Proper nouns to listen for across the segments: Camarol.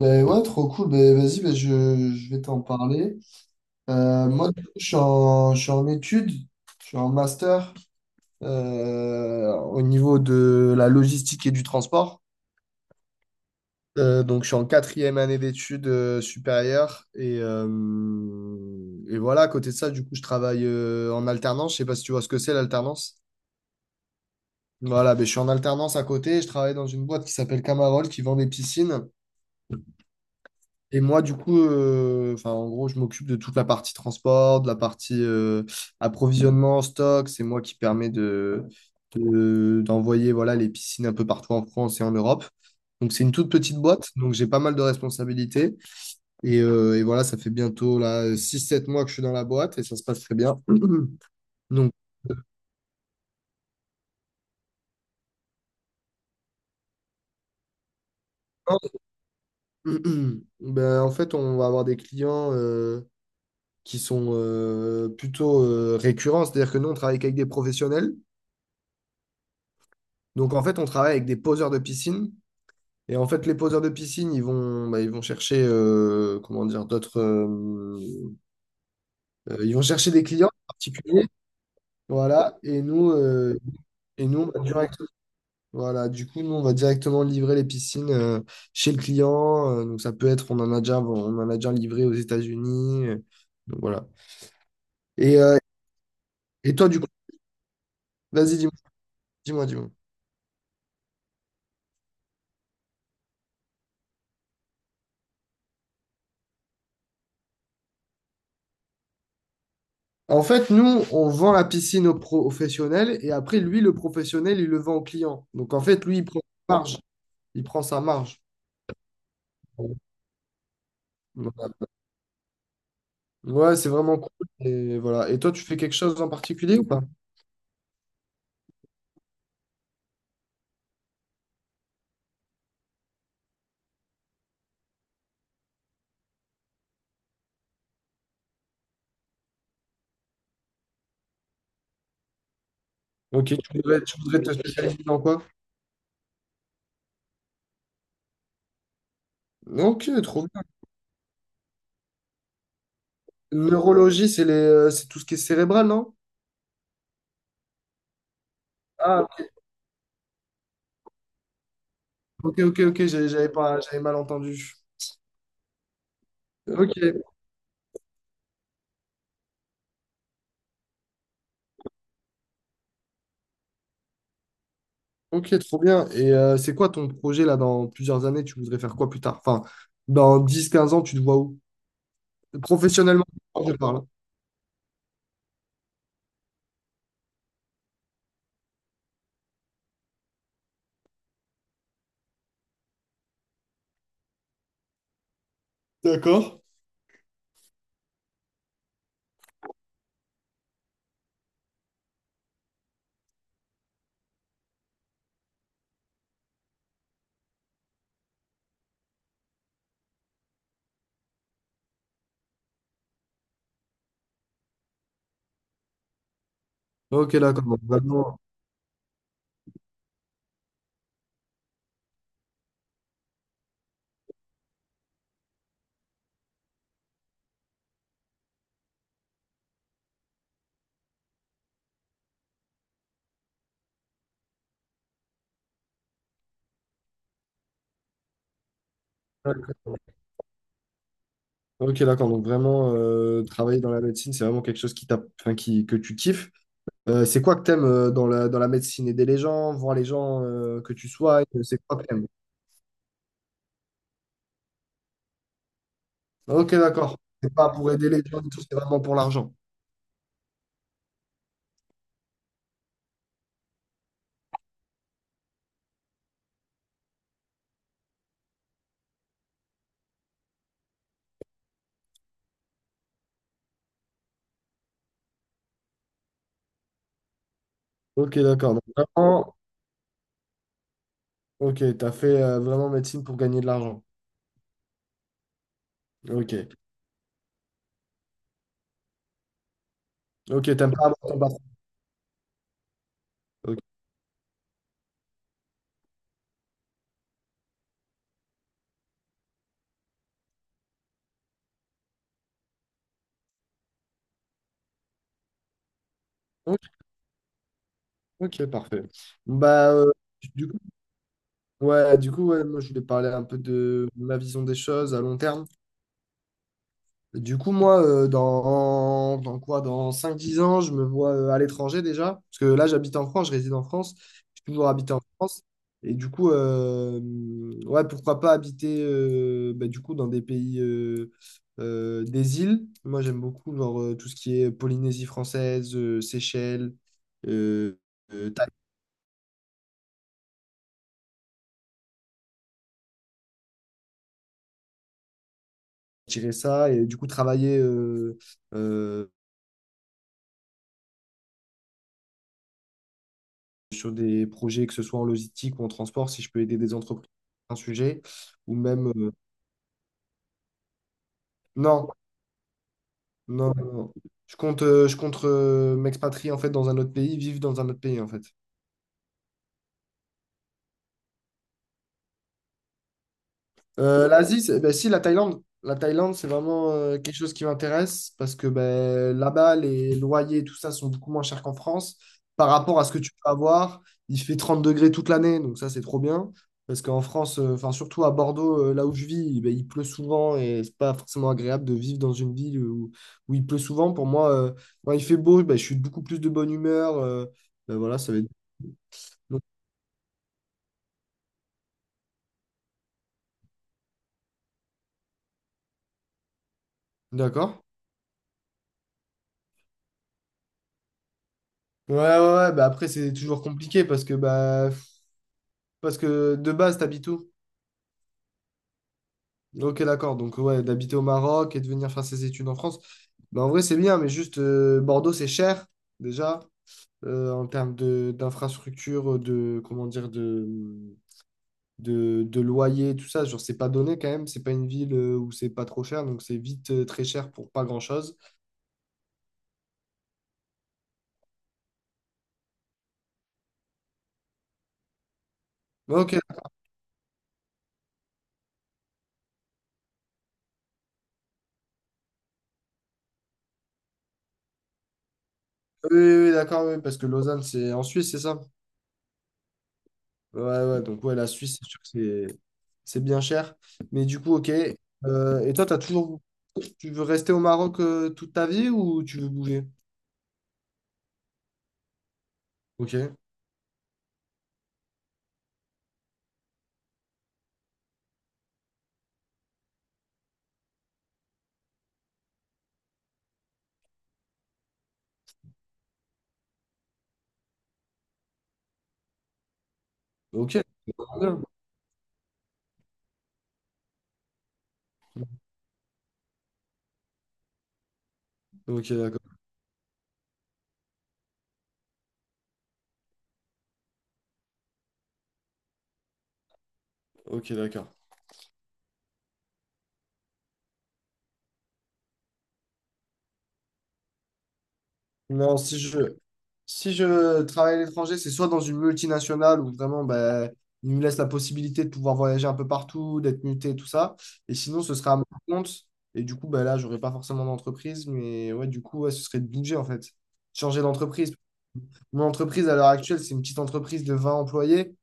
Ben ouais, trop cool. Ben, vas-y, je vais t'en parler. Moi, du coup, je suis en études, je suis en master au niveau de la logistique et du transport. Donc, je suis en quatrième année d'études supérieures. Et voilà, à côté de ça, du coup, je travaille en alternance. Je sais pas si tu vois ce que c'est l'alternance. Voilà, ben, je suis en alternance à côté. Je travaille dans une boîte qui s'appelle Camarol, qui vend des piscines. Et moi, du coup, enfin, en gros, je m'occupe de toute la partie transport, de la partie approvisionnement, stock. C'est moi qui permet de- D'envoyer voilà, les piscines un peu partout en France et en Europe. Donc, c'est une toute petite boîte. Donc, j'ai pas mal de responsabilités. Et voilà, ça fait bientôt là, 6-7 mois que je suis dans la boîte et ça se passe très bien. Donc, ben, en fait, on va avoir des clients qui sont plutôt récurrents. C'est-à-dire que nous, on travaille qu'avec des professionnels. Donc en fait, on travaille avec des poseurs de piscine. Et en fait, les poseurs de piscine, ils vont, bah, ils vont chercher, comment dire, d'autres, ils vont chercher des clients particuliers, voilà. Et nous, on va direct- Voilà. Du coup, nous, on va directement livrer les piscines chez le client. Donc ça peut être, on en a déjà livré aux États-Unis. Donc voilà. Et, euh, et toi, du coup, vas-y, dis-moi. En fait, nous, on vend la piscine au professionnel et après, lui, le professionnel, il le vend au client. Donc, en fait, lui, il prend sa marge. Il prend sa marge. Voilà. Ouais, c'est vraiment cool. Et, voilà. Et toi, tu fais quelque chose en particulier ou pas? Ok, tu voudrais te spécialiser dans quoi? Ok, trop bien. Neurologie, c'est c'est tout ce qui est cérébral, non? Ah, ok, j'avais pas, j'avais mal entendu. Ok, ok, trop bien. Et c'est quoi ton projet là dans plusieurs années? Tu voudrais faire quoi plus tard? Enfin, dans 10, 15 ans, tu te vois où? Professionnellement, je parle. D'accord. Ok, d'accord. Donc, vraiment, d'accord. Ok, d'accord. Donc, vraiment, travailler dans la médecine, c'est vraiment quelque chose qui t'a, enfin, qui, que tu kiffes. C'est quoi que t'aimes dans dans la médecine? Aider les gens, voir les gens que tu soignes, c'est quoi que t'aimes? Ok, d'accord. C'est pas pour aider les gens du tout, c'est vraiment pour l'argent. Ok, d'accord. Donc, vraiment, ok, t'as fait vraiment médecine pour gagner de l'argent. Ok. Ok, t'aimes pas avoir ton patron. Ok, ok, ok, parfait. Bah, du Ouais, du coup, ouais, moi, je voulais parler un peu de ma vision des choses à long terme. Du coup, moi, dans quoi? Dans 5 10 ans, je me vois à l'étranger déjà. Parce que là, j'habite en France, je réside en France. J'ai toujours habité en France. Et du coup, ouais, pourquoi pas habiter bah, du coup, dans des pays, des îles. Moi, j'aime beaucoup genre, tout ce qui est Polynésie française, Seychelles, euh, euh, Thaï- tirer ça. Et du coup, travailler euh, sur des projets, que ce soit en logistique ou en transport, si je peux aider des entreprises sur un sujet, ou même non, non. Je compte m'expatrier en fait dans un autre pays, vivre dans un autre pays en fait. L'Asie, ben, si, la Thaïlande. La Thaïlande, c'est vraiment quelque chose qui m'intéresse parce que ben, là-bas, les loyers et tout ça sont beaucoup moins chers qu'en France. Par rapport à ce que tu peux avoir, il fait 30 degrés toute l'année, donc ça, c'est trop bien. Parce qu'en France, enfin, surtout à Bordeaux, là où je vis, ben, il pleut souvent et c'est pas forcément agréable de vivre dans une ville où il pleut souvent. Pour moi, quand il fait beau, ben, je suis beaucoup plus de bonne humeur. Ben, voilà, ça va être. D'accord? Ouais, bah après c'est toujours compliqué parce que bah parce que de base, t'habites où? Ok, d'accord. Donc, ouais, d'habiter au Maroc et de venir faire ses études en France. Mais en vrai, c'est bien, mais juste Bordeaux, c'est cher, déjà, en termes de d'infrastructure, de, comment dire, de loyer, tout ça. Genre, c'est pas donné quand même. C'est pas une ville où c'est pas trop cher, donc c'est vite très cher pour pas grand-chose. Mais ok, oui, d'accord, oui, parce que Lausanne, c'est en Suisse, c'est ça? Ouais, ouais, donc ouais, la Suisse, c'est sûr que c'est bien cher. Mais du coup, ok. Et toi, t'as toujours... Tu veux rester au Maroc toute ta vie ou tu veux bouger? Ok. Ok. Ok, d'accord. Ok, d'accord. Non, si je, si je travaille à l'étranger, c'est soit dans une multinationale où vraiment, ben, il me laisse la possibilité de pouvoir voyager un peu partout, d'être muté, tout ça. Et sinon, ce sera à mon compte. Et du coup, ben là, j'aurais pas forcément d'entreprise. Mais ouais, du coup, ouais, ce serait de bouger, en fait. Changer d'entreprise. Mon entreprise, à l'heure actuelle, c'est une petite entreprise de 20 employés.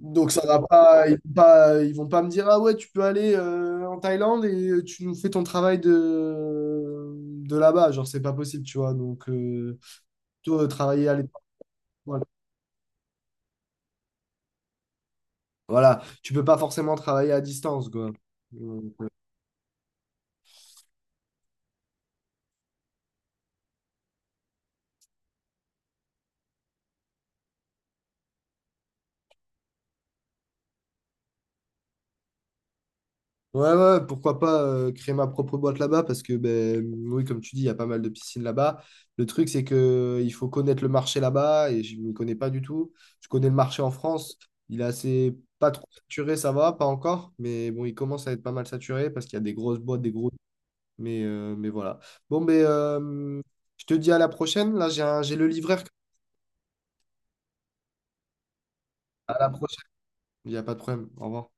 Donc, ça va pas, ils vont pas me dire, ah ouais, tu peux aller en Thaïlande et tu nous fais ton travail de là-bas. Genre, c'est pas possible, tu vois. Donc, plutôt travailler à l'étranger. Voilà. Voilà. Tu peux pas forcément travailler à distance, quoi. Euh, Ouais, ouais, pourquoi pas créer ma propre boîte là-bas parce que, ben, oui, comme tu dis, il y a pas mal de piscines là-bas. Le truc, c'est que il faut connaître le marché là-bas et je ne m'y connais pas du tout. Je connais le marché en France. Il est assez pas trop saturé, ça va, pas encore, mais bon, il commence à être pas mal saturé parce qu'il y a des grosses boîtes, des gros. Mais voilà. Bon, je te dis à la prochaine. Là, j'ai le livreur. À la prochaine. Il n'y a pas de problème. Au revoir.